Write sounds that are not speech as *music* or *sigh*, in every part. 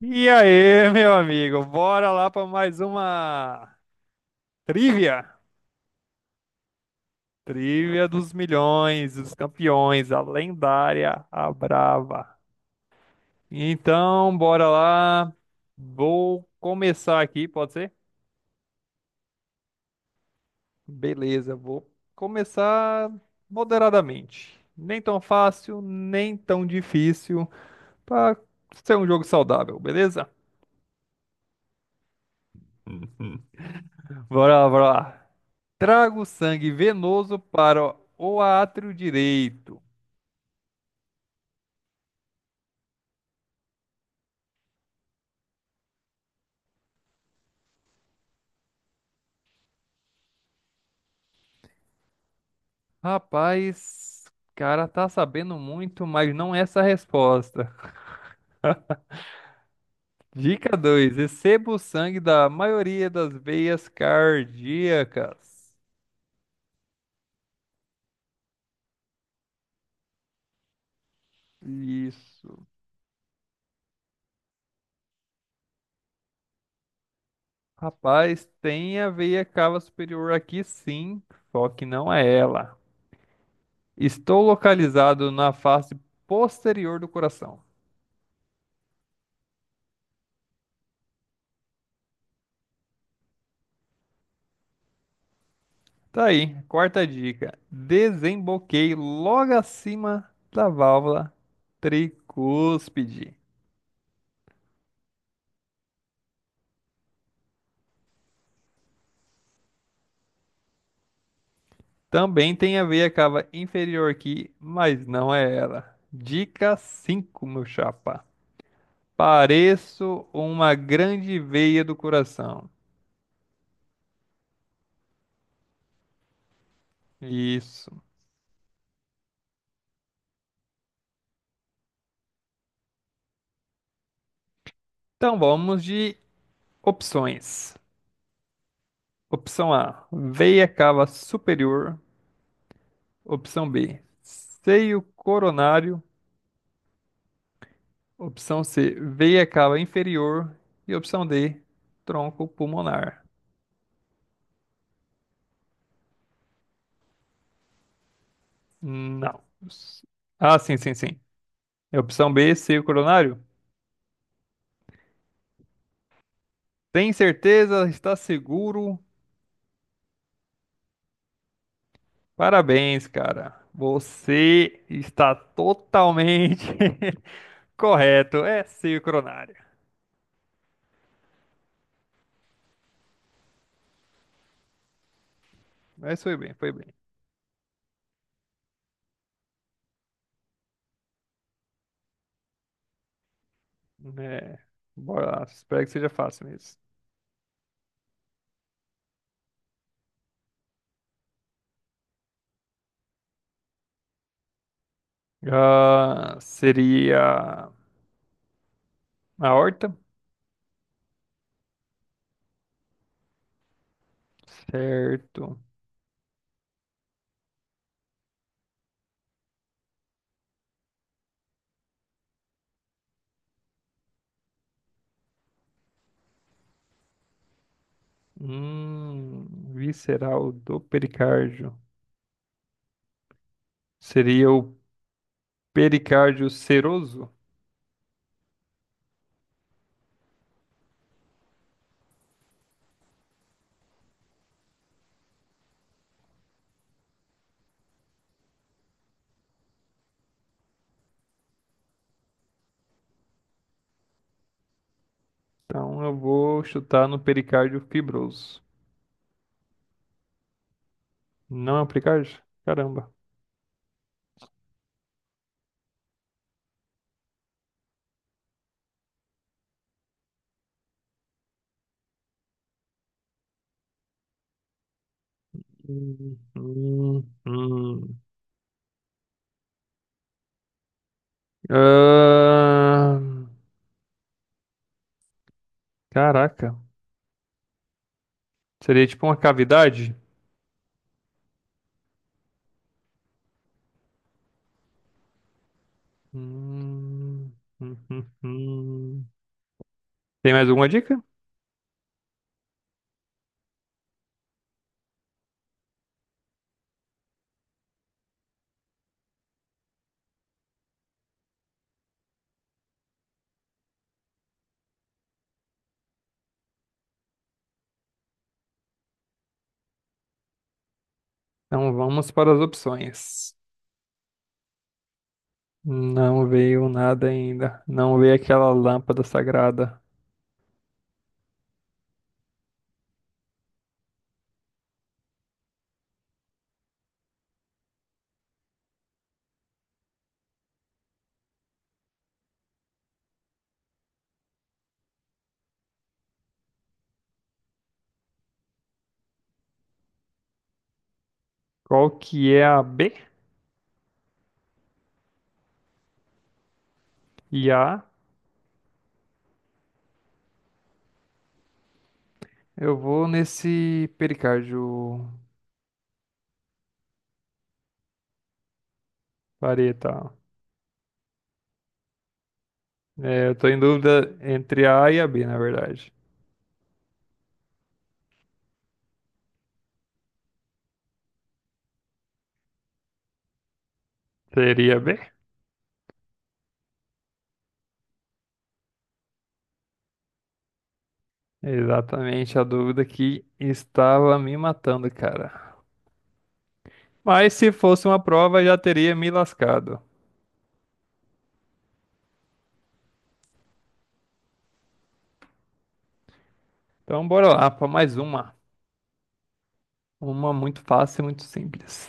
E aí, meu amigo, bora lá para mais uma trivia. Trivia dos milhões, dos campeões, a lendária, a brava. Então, bora lá. Vou começar aqui, pode ser? Beleza, vou começar moderadamente. Nem tão fácil, nem tão difícil, para ser um jogo saudável, beleza? Bora lá, bora lá. Traga o sangue venoso para o átrio direito. Rapaz, cara tá sabendo muito, mas não é essa resposta. Dica 2: receba o sangue da maioria das veias cardíacas. Isso. Rapaz, tem a veia cava superior aqui sim, só que não é ela. Estou localizado na face posterior do coração. Tá aí, quarta dica. Desemboquei logo acima da válvula tricúspide. Também tem a veia cava inferior aqui, mas não é ela. Dica 5, meu chapa. Pareço uma grande veia do coração. Isso. Então vamos de opções. Opção A, veia cava superior. Opção B, seio coronário. Opção C, veia cava inferior. E opção D, tronco pulmonar. Não. Ah, sim, sim, sim. É opção B, seio coronário? Tem certeza? Está seguro? Parabéns, cara. Você está totalmente *laughs* correto. É sincronária. Mas foi bem, foi bem. É, bora lá. Espero que seja fácil mesmo. Ah, seria a horta? Certo. Visceral do pericárdio. Seria o pericárdio seroso? Então eu vou chutar no pericárdio fibroso. Não é o pericárdio? Caramba. Hum, hum, hum. Ah, caraca. Seria tipo uma cavidade? Hum, hum, hum, hum. Tem mais alguma dica? Então vamos para as opções. Não veio nada ainda. Não veio aquela lâmpada sagrada. Qual que é a B? E a? Eu vou nesse pericárdio vareta. É, eu tô em dúvida entre a A e a B, na verdade. Seria a B? Exatamente a dúvida que estava me matando, cara. Mas se fosse uma prova, já teria me lascado. Então, bora lá para mais uma. Uma muito fácil e muito simples.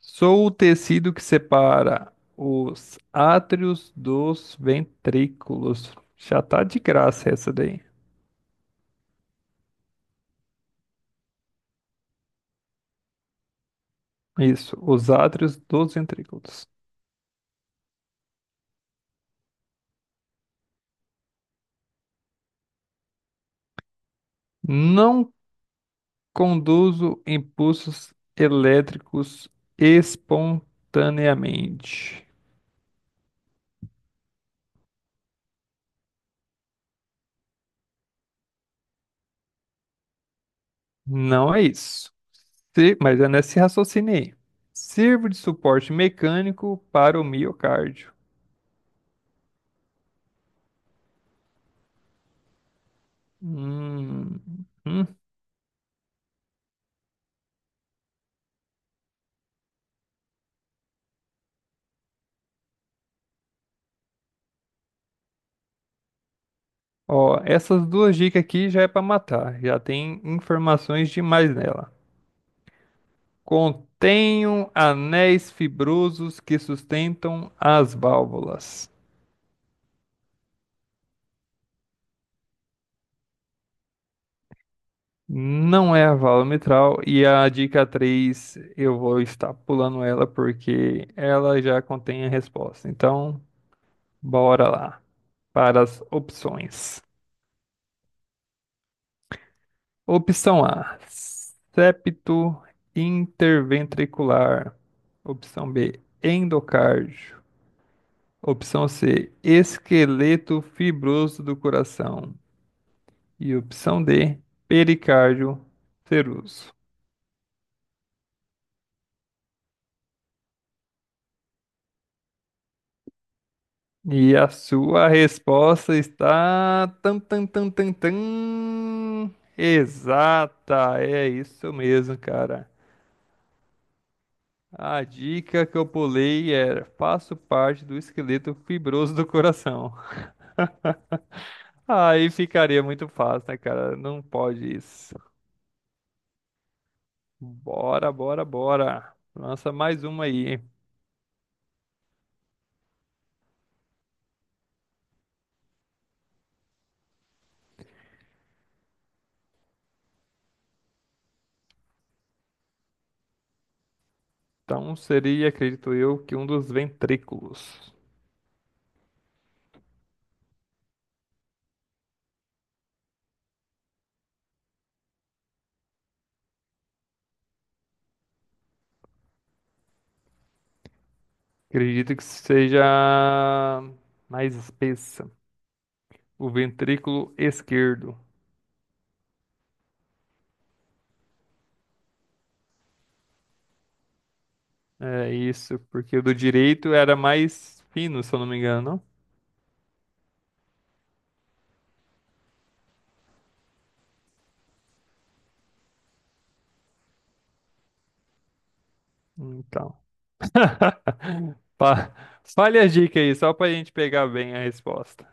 Sou o tecido que separa os átrios dos ventrículos. Já tá de graça essa daí. Isso, os átrios dos ventrículos. Não conduzo impulsos elétricos espontaneamente. Não é isso. Se- mas é nesse raciocínio aí. Sirvo de suporte mecânico para o miocárdio. Hum, hum. Ó, essas duas dicas aqui já é para matar. Já tem informações demais nela. Contenho anéis fibrosos que sustentam as válvulas. Não é a válvula mitral. E a dica 3 eu vou estar pulando ela porque ela já contém a resposta. Então, bora lá para as opções. Opção A, septo interventricular. Opção B, endocárdio. Opção C, esqueleto fibroso do coração. E opção D, pericárdio seroso. E a sua resposta está tan tan tan tan tan exata. É isso mesmo, cara. A dica que eu pulei era: faço parte do esqueleto fibroso do coração. *laughs* Aí ficaria muito fácil, né, cara? Não pode isso. Bora, bora, bora. Lança mais uma aí. Então seria, acredito eu, que um dos ventrículos. Acredito que seja mais espessa. O ventrículo esquerdo. É isso, porque o do direito era mais fino, se eu não me engano. Não? Então. *laughs* Fa- Fale a dica aí, só pra gente pegar bem a resposta.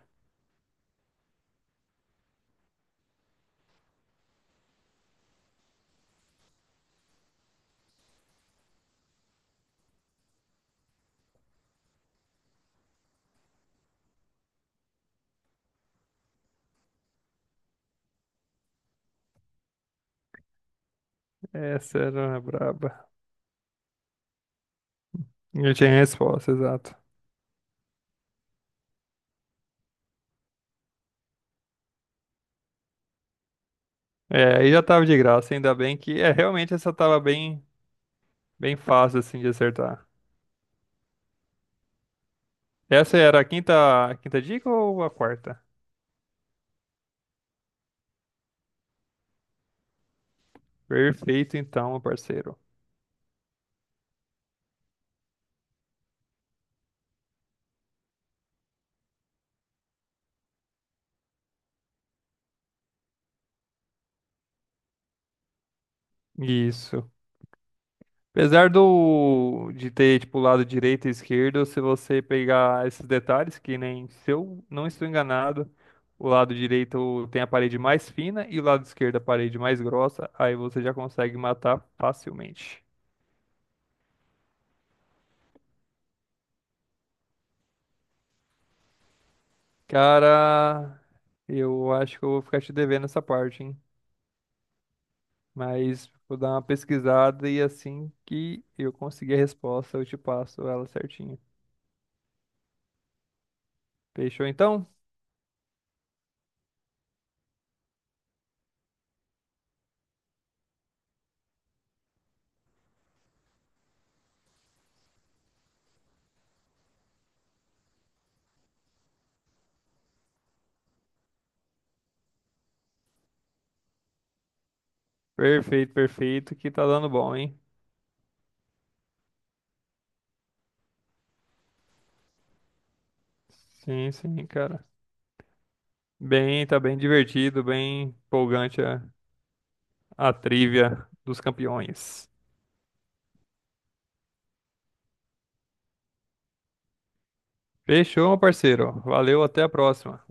Essa era uma braba. Eu tinha a resposta, exato. É, aí já tava de graça, ainda bem que é, realmente essa tava bem, bem fácil assim de acertar. Essa era a quinta dica ou a quarta? Perfeito então, meu parceiro. Isso. Apesar do de ter tipo lado direito e esquerdo, se você pegar esses detalhes, que nem se eu não estou enganado, o lado direito tem a parede mais fina e o lado esquerdo a parede mais grossa, aí você já consegue matar facilmente. Cara, eu acho que eu vou ficar te devendo essa parte, hein? Mas vou dar uma pesquisada e assim que eu conseguir a resposta, eu te passo ela certinho. Fechou então? Perfeito, perfeito, que tá dando bom, hein? Sim, sim, cara. Bem, tá bem divertido, bem empolgante a trivia dos campeões. Fechou, meu parceiro. Valeu, até a próxima.